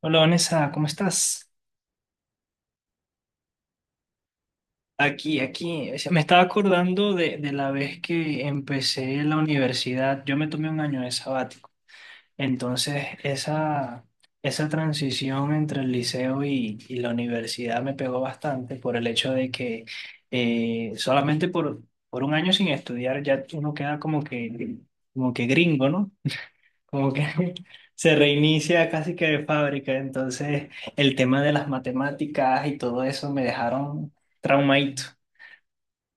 Hola Vanessa, ¿cómo estás? Aquí, aquí. O sea, me estaba acordando de la vez que empecé la universidad. Yo me tomé un año de sabático. Entonces, esa transición entre el liceo y la universidad me pegó bastante por el hecho de que solamente por un año sin estudiar ya uno queda como que gringo, ¿no? Como que se reinicia casi que de fábrica. Entonces, el tema de las matemáticas y todo eso me dejaron traumadito.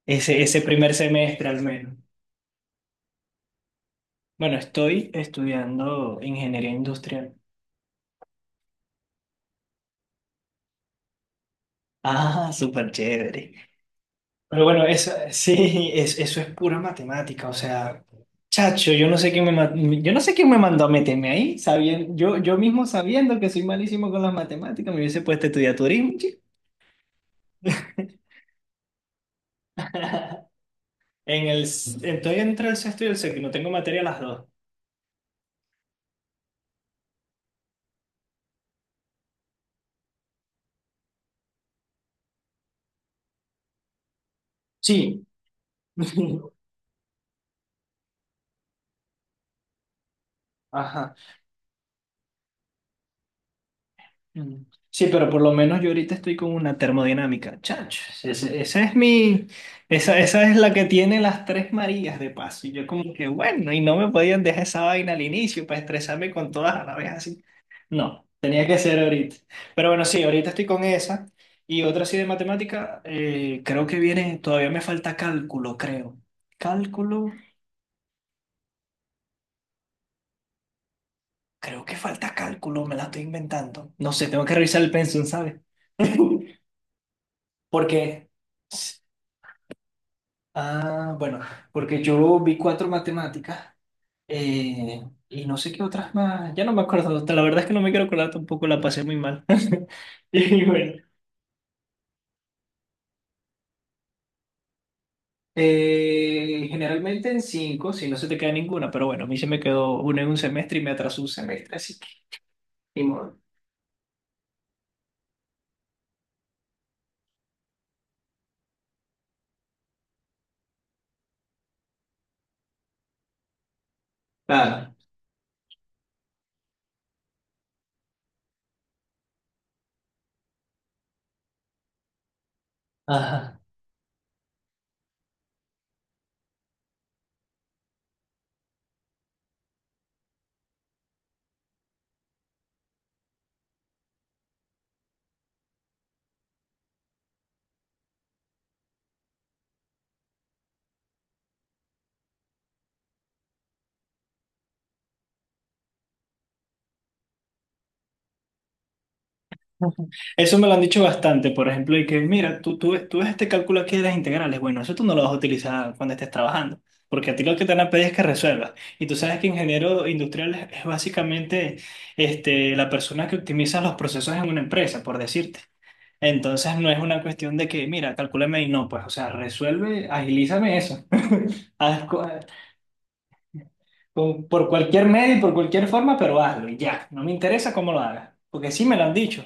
Ese primer semestre al menos. Bueno, estoy estudiando ingeniería industrial. Ah, súper chévere. Pero bueno, eso, sí, eso es pura matemática. O sea, chacho, yo no sé quién me mandó a meterme ahí. Sabiendo, yo mismo sabiendo que soy malísimo con las matemáticas, me hubiese puesto a estudiar turismo, chico. Estoy entre el sexto y el séptimo, tengo materia las dos. Sí. Ajá. Mm. Sí, pero por lo menos yo ahorita estoy con una termodinámica. Chacho, esa es la que tiene las tres Marías de paso. Y yo como que, bueno, y no me podían dejar esa vaina al inicio para estresarme con todas a la vez así. No, tenía que ser ahorita. Pero bueno, sí, ahorita estoy con esa. Y otra así de matemática, creo que viene, todavía me falta cálculo, creo. Cálculo. Creo que falta cálculo, me la estoy inventando. No sé, tengo que revisar el pensum, ¿sabes? Porque, ah, bueno, porque yo vi cuatro matemáticas eh, y no sé qué otras más. Ya no me acuerdo, la verdad es que no me quiero acordar tampoco, la pasé muy mal. Y bueno, generalmente en cinco, si no se te queda ninguna, pero bueno, a mí se me quedó una en un semestre y me atrasó un semestre, así que, ni modo. Claro. Ajá. Ujú. Eso me lo han dicho bastante, por ejemplo, y que mira, tú ves este cálculo aquí de las integrales, bueno, eso tú no lo vas a utilizar cuando estés trabajando, porque a ti lo que te van a pedir es que resuelvas. Y tú sabes que ingeniero industrial es básicamente este, la persona que optimiza los procesos en una empresa, por decirte. Entonces no es una cuestión de que, mira, calcúlame y no, pues, o sea, resuelve, agilízame eso. Haz cu- por cualquier medio y por cualquier forma, pero hazlo y ya. No me interesa cómo lo hagas, porque sí me lo han dicho.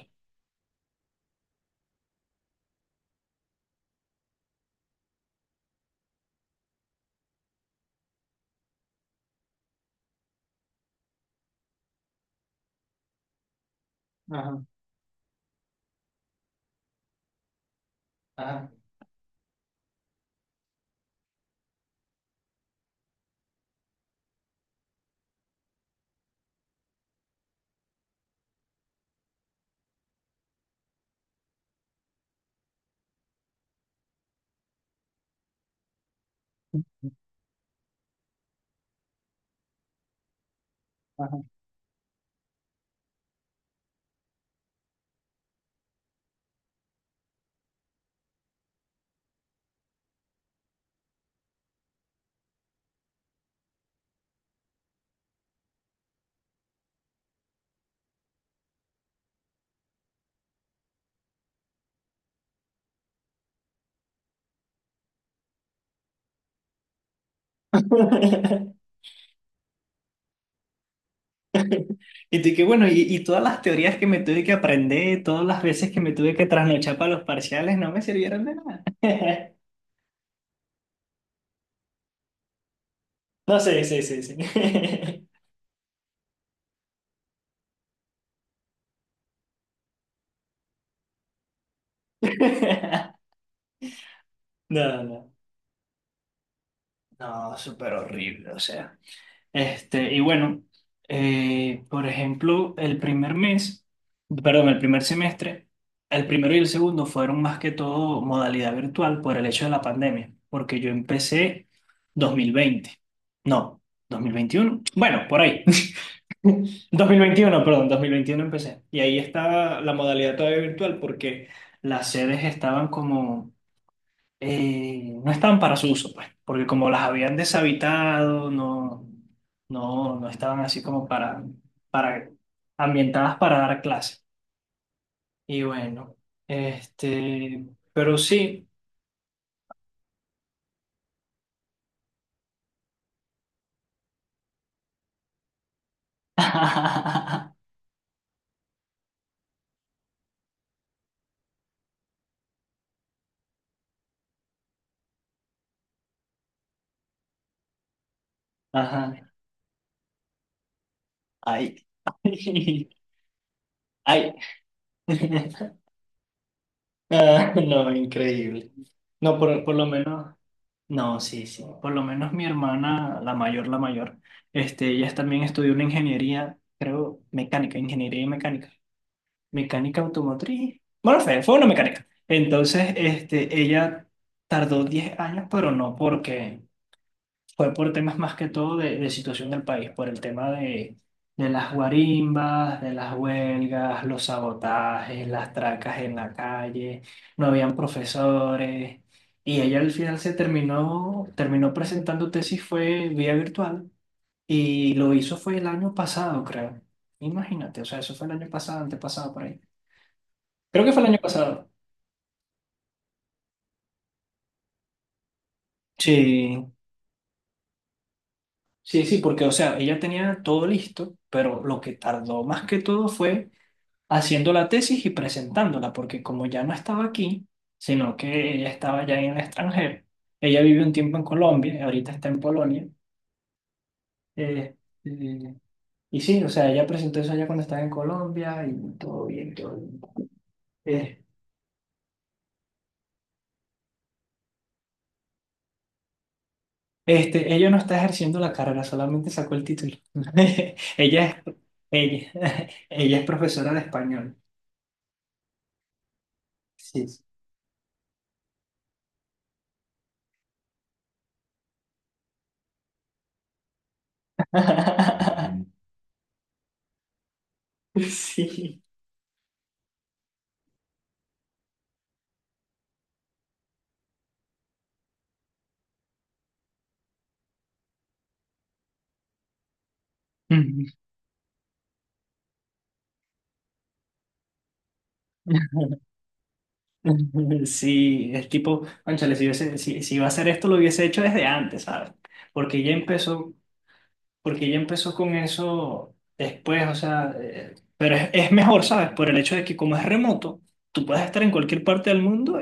Ajá, ajá. Ajá. Y tú que bueno, y todas las teorías que me tuve que aprender, todas las veces que me tuve que trasnochar para los parciales, no me sirvieron de nada. No, sí, sí, sí, sí. No, no. No, súper horrible, o sea. Este, y bueno, por ejemplo, el primer mes, perdón, el primer semestre, el primero y el segundo fueron más que todo modalidad virtual por el hecho de la pandemia, porque yo empecé 2020 no, 2021 bueno, por ahí, 2021 perdón, 2021 empecé, y ahí estaba la modalidad todavía virtual porque las sedes estaban como no estaban para su uso, pues, porque como las habían deshabitado, no, no, no estaban así como para, para ambientadas para dar clase. Y bueno, este, pero sí. Ajá. Ay. Ay. Ah, no, increíble. No, por lo menos, no, sí, sí. Por lo menos mi hermana, la mayor, este, ella también estudió una ingeniería, creo, mecánica, ingeniería y mecánica. Mecánica automotriz. Bueno, fue una mecánica. Entonces, este, ella tardó 10 años, pero no porque fue por temas más que todo de situación del país, por el tema de las guarimbas, de las huelgas, los sabotajes, las tracas en la calle, no habían profesores. Y ella al final se terminó, terminó presentando tesis, fue vía virtual, y lo hizo fue el año pasado, creo. Imagínate, o sea, eso fue el año pasado, antepasado por ahí. Creo que fue el año pasado. Sí, sí, sí, porque, o sea, ella tenía todo listo, pero lo que tardó más que todo fue haciendo la tesis y presentándola, porque como ya no estaba aquí, sino que ella estaba ya en el extranjero, ella vivió un tiempo en Colombia, y ahorita está en Polonia, eh, eh, y sí, o sea, ella presentó eso allá cuando estaba en Colombia y todo bien, todo bien. Eh, este, ella no está ejerciendo la carrera, solamente sacó el título. Ella es, ella, Ella es profesora de español. Sí. Sí. Sí, es tipo, cónchale, si iba a hacer esto, lo hubiese hecho desde antes, ¿sabes? Porque ya empezó, Porque ya empezó con eso después, o sea, pero es mejor, ¿sabes? Por el hecho de que como es remoto, tú puedes estar en cualquier parte del mundo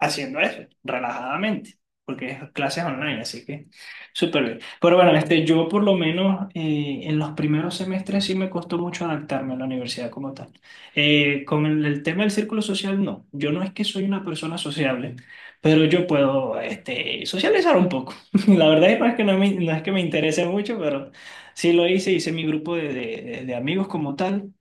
haciendo eso, relajadamente, porque es clases online, así que súper bien. Pero bueno, este, yo por lo menos en los primeros semestres sí me costó mucho adaptarme a la universidad como tal. Con el tema del círculo social, no. Yo no es que soy una persona sociable, pero yo puedo este, socializar un poco. La verdad es que no es que me interese mucho, pero sí lo hice, hice mi grupo de amigos como tal.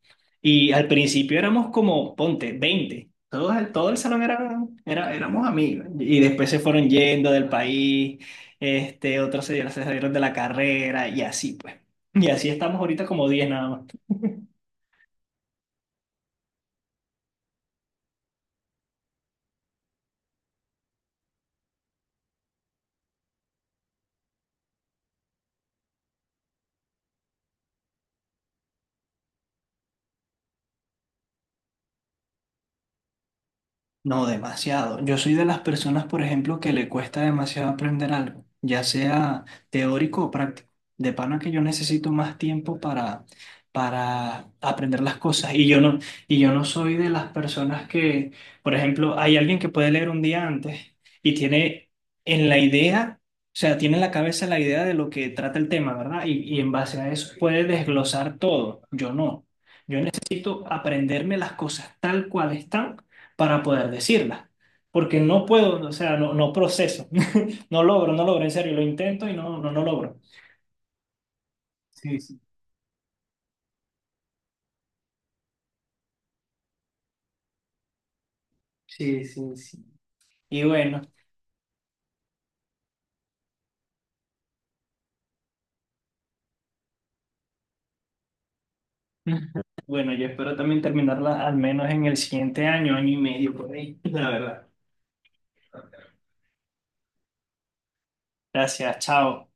Y al principio éramos como, ponte, 20 todos el, todo el salón éramos amigos. Y después se fueron yendo del país, este, otros se salieron de la carrera y así pues. Y así estamos ahorita como 10 nada más. No, demasiado. Yo soy de las personas, por ejemplo, que le cuesta demasiado aprender algo, ya sea teórico o práctico. De pana que yo necesito más tiempo para aprender las cosas. Y yo no soy de las personas que, por ejemplo, hay alguien que puede leer un día antes y tiene en la idea, o sea, tiene en la cabeza la idea de lo que trata el tema, ¿verdad? Y en base a eso puede desglosar todo. Yo no. Yo necesito aprenderme las cosas tal cual están para poder decirla. Porque no puedo, o sea, no proceso, no logro, no logro, en serio, lo intento y no, no, no logro. Sí, sí, sí, sí, sí. Y bueno, bueno, yo espero también terminarla al menos en el siguiente año, año y medio por ahí. La verdad. Gracias, chao.